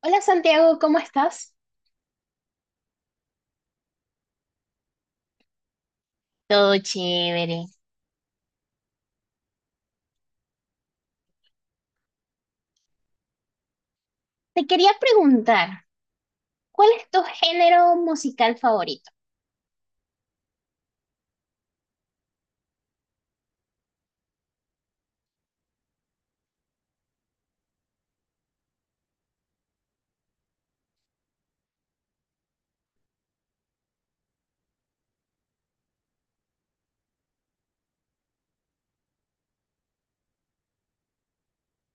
Hola Santiago, ¿cómo estás? Todo chévere. Te quería preguntar, ¿cuál es tu género musical favorito?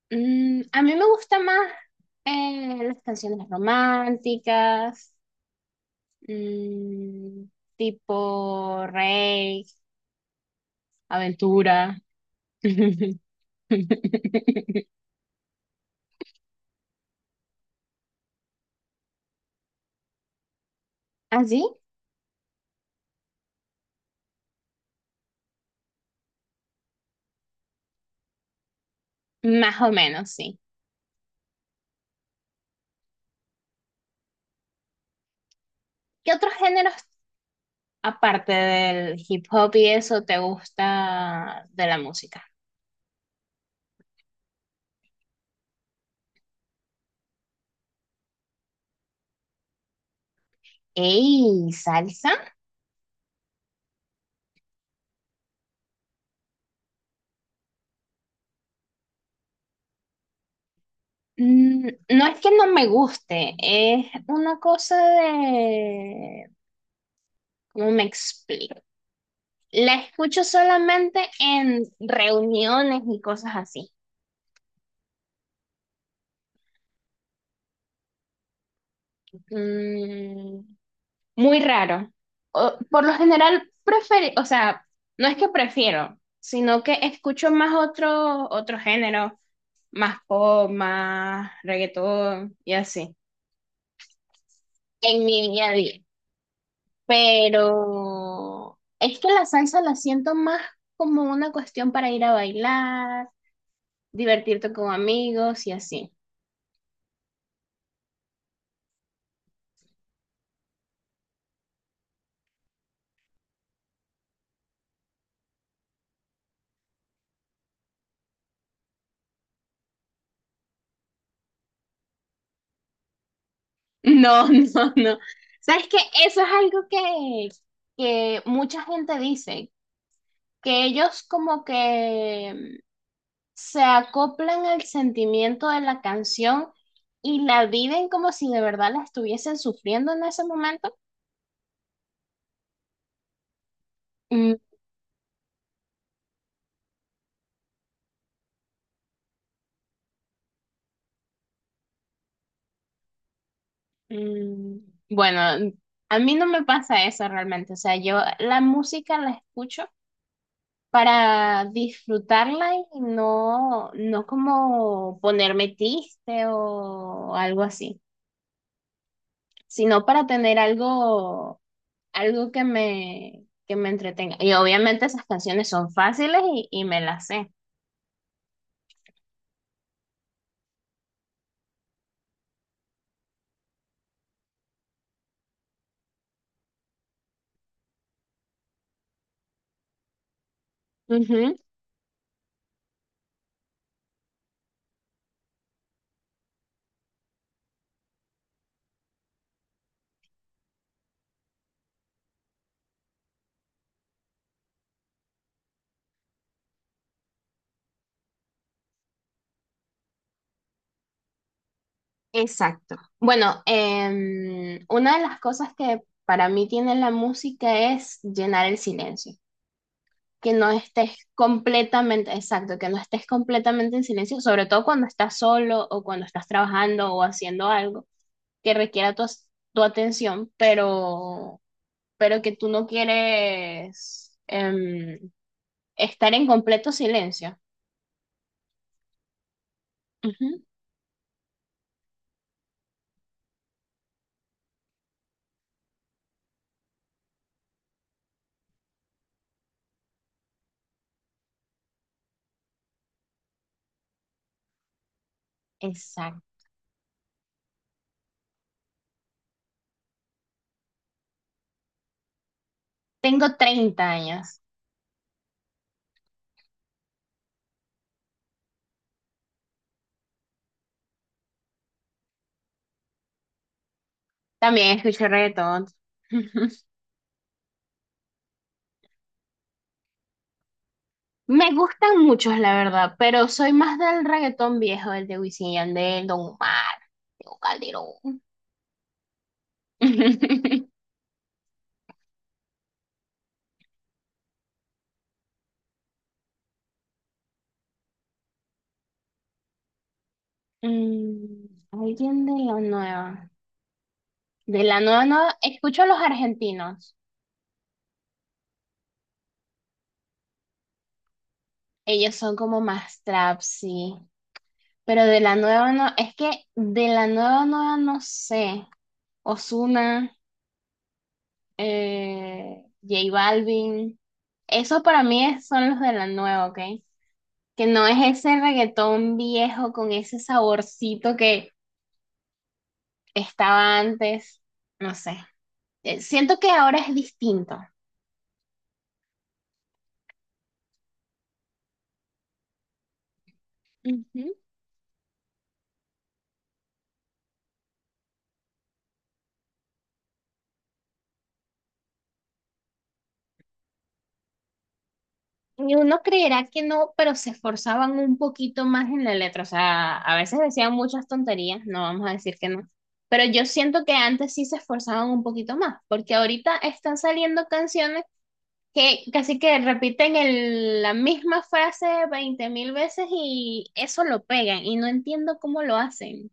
A mí me gustan más las canciones románticas, mm, tipo Rey, Aventura. ¿Así? Más o menos, sí. ¿Qué otros géneros, aparte del hip hop y eso, te gusta de la música? ¡Ey, salsa! No es que no me guste, es una cosa de... ¿Cómo me explico? La escucho solamente en reuniones y cosas así. Mm, muy raro. Por lo general, prefiero, o sea, no es que prefiero, sino que escucho más otro, otro género, más pop, más reggaetón y así, en mi día a día. Pero es que la salsa la siento más como una cuestión para ir a bailar, divertirte con amigos y así. No, no, no. ¿Sabes qué? Eso es algo que mucha gente dice, que ellos como que se acoplan al sentimiento de la canción y la viven como si de verdad la estuviesen sufriendo en ese momento. Mm, Bueno, a mí no me pasa eso realmente. O sea, yo la música la escucho para disfrutarla y no, no como ponerme triste o algo así, sino para tener algo, algo que que me entretenga. Y obviamente esas canciones son fáciles y me las sé. Ujú. Exacto. Bueno, una de las cosas que para mí tiene la música es llenar el silencio, que no estés completamente, exacto, que no estés completamente en silencio, sobre todo cuando estás solo o cuando estás trabajando o haciendo algo que requiera tu atención, pero que tú no quieres estar en completo silencio. Ujú. Exacto. Tengo 30 años. También escucho reggaetón. Me gustan muchos, la verdad, pero soy más del reggaetón viejo, el de Wisin y Yandel, Don Omar, Tego Calderón. Mm, alguien de la nueva. De la nueva, nueva, escucho a los argentinos. Ellos son como más trap, sí. Pero de la nueva, no, es que de la nueva, nueva no sé. Ozuna, J Balvin. Eso para mí son los de la nueva, ¿ok? Que no es ese reggaetón viejo con ese saborcito que estaba antes. No sé. Siento que ahora es distinto. Y uno creerá que no, pero se esforzaban un poquito más en la letra. O sea, a veces decían muchas tonterías, no vamos a decir que no. Pero yo siento que antes sí se esforzaban un poquito más, porque ahorita están saliendo canciones que casi que repiten la misma frase 20.000 veces y eso lo pegan y no entiendo cómo lo hacen.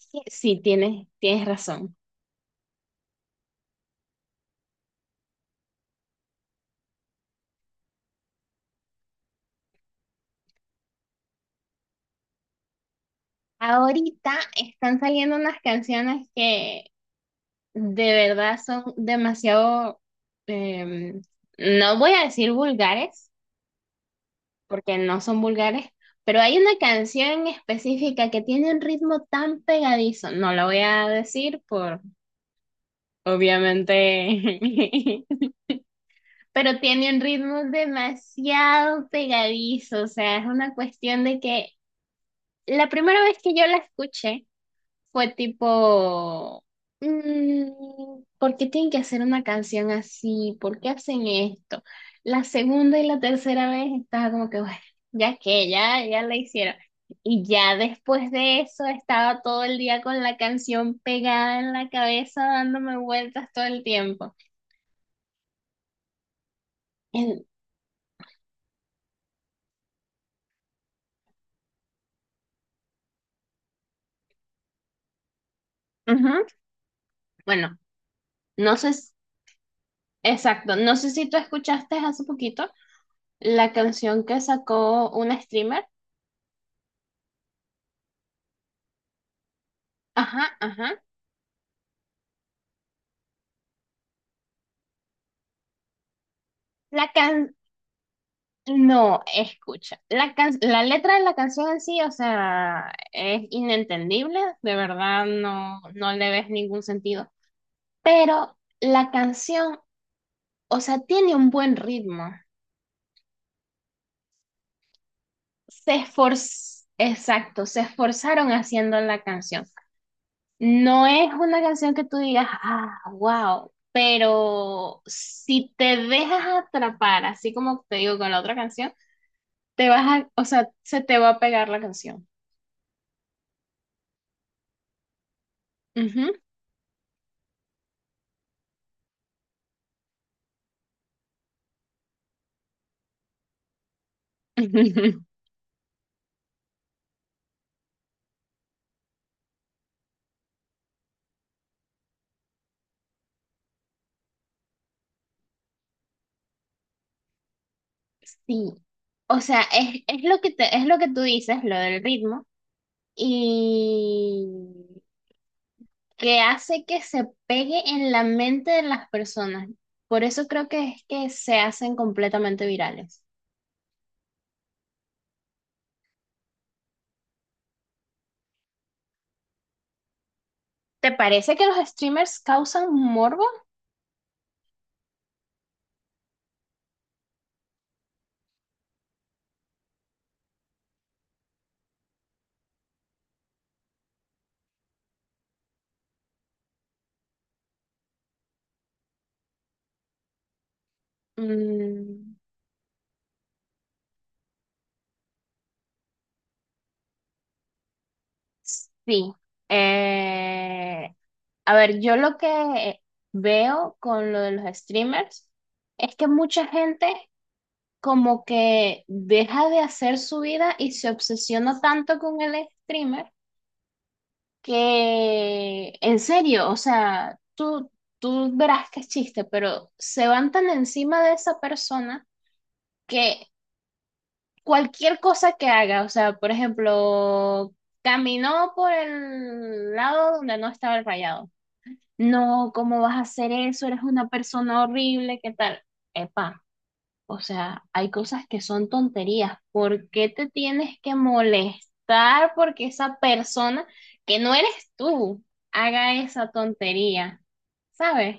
Sí, sí, tienes razón. Ahorita están saliendo unas canciones que de verdad son demasiado, em, no voy a decir vulgares, porque no son vulgares, pero hay una canción específica que tiene un ritmo tan pegadizo, no la voy a decir por, obviamente, pero tiene un ritmo demasiado pegadizo, o sea, es una cuestión de que la primera vez que yo la escuché, fue tipo, mm, ¿por qué tienen que hacer una canción así? ¿Por qué hacen esto? La segunda y la tercera vez estaba como que, bueno, ya que, ya la hicieron. Y ya después de eso estaba todo el día con la canción pegada en la cabeza, dándome vueltas todo el tiempo. En- ujú. Bueno, no sé, s- exacto, no sé si tú escuchaste hace poquito la canción que sacó una streamer. Ajá, ajá. La can No, escucha, la letra de la canción en sí, o sea, es inentendible, de verdad no, no le ves ningún sentido, pero la canción, o sea, tiene un buen ritmo. Exacto, se esforzaron haciendo la canción. No es una canción que tú digas, ah, wow, pero si te dejas atrapar, así como te digo con la otra canción, te o sea, se te va a pegar la canción. Ujú. Sí, o sea, es lo que es lo que tú dices, lo del ritmo, y que hace que se pegue en la mente de las personas. Por eso creo que es que se hacen completamente virales. ¿Te parece que los streamers causan morbo? Mm, sí. Eh, a ver, yo lo que veo con lo de los streamers es que mucha gente como que deja de hacer su vida y se obsesiona tanto con el streamer que, en serio, o sea, tú verás que es chiste, pero se van tan encima de esa persona que cualquier cosa que haga, o sea, por ejemplo, caminó por el lado donde no estaba el rayado. No, ¿cómo vas a hacer eso? Eres una persona horrible, ¿qué tal? Epa. O sea, hay cosas que son tonterías. ¿Por qué te tienes que molestar porque esa persona que no eres tú haga esa tontería? ¿Sabes?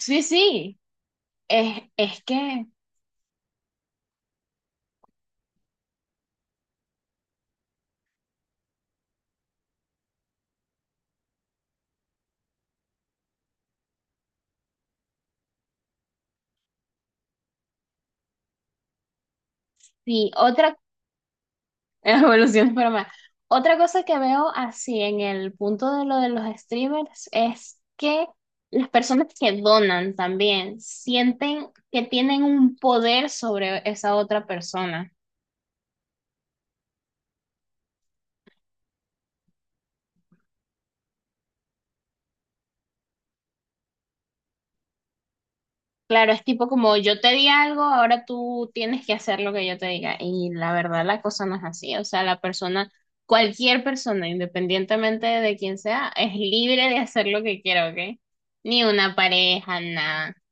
Sí, sí. Es, es que, sí, otra evolución para más. Otra cosa que veo así en el punto de lo de los streamers es que las personas que donan también sienten que tienen un poder sobre esa otra persona. Claro, es tipo como yo te di algo, ahora tú tienes que hacer lo que yo te diga. Y la verdad, la cosa no es así. O sea, la persona, cualquier persona, independientemente de quién sea, es libre de hacer lo que quiera, ¿ok? Ni una pareja, nada.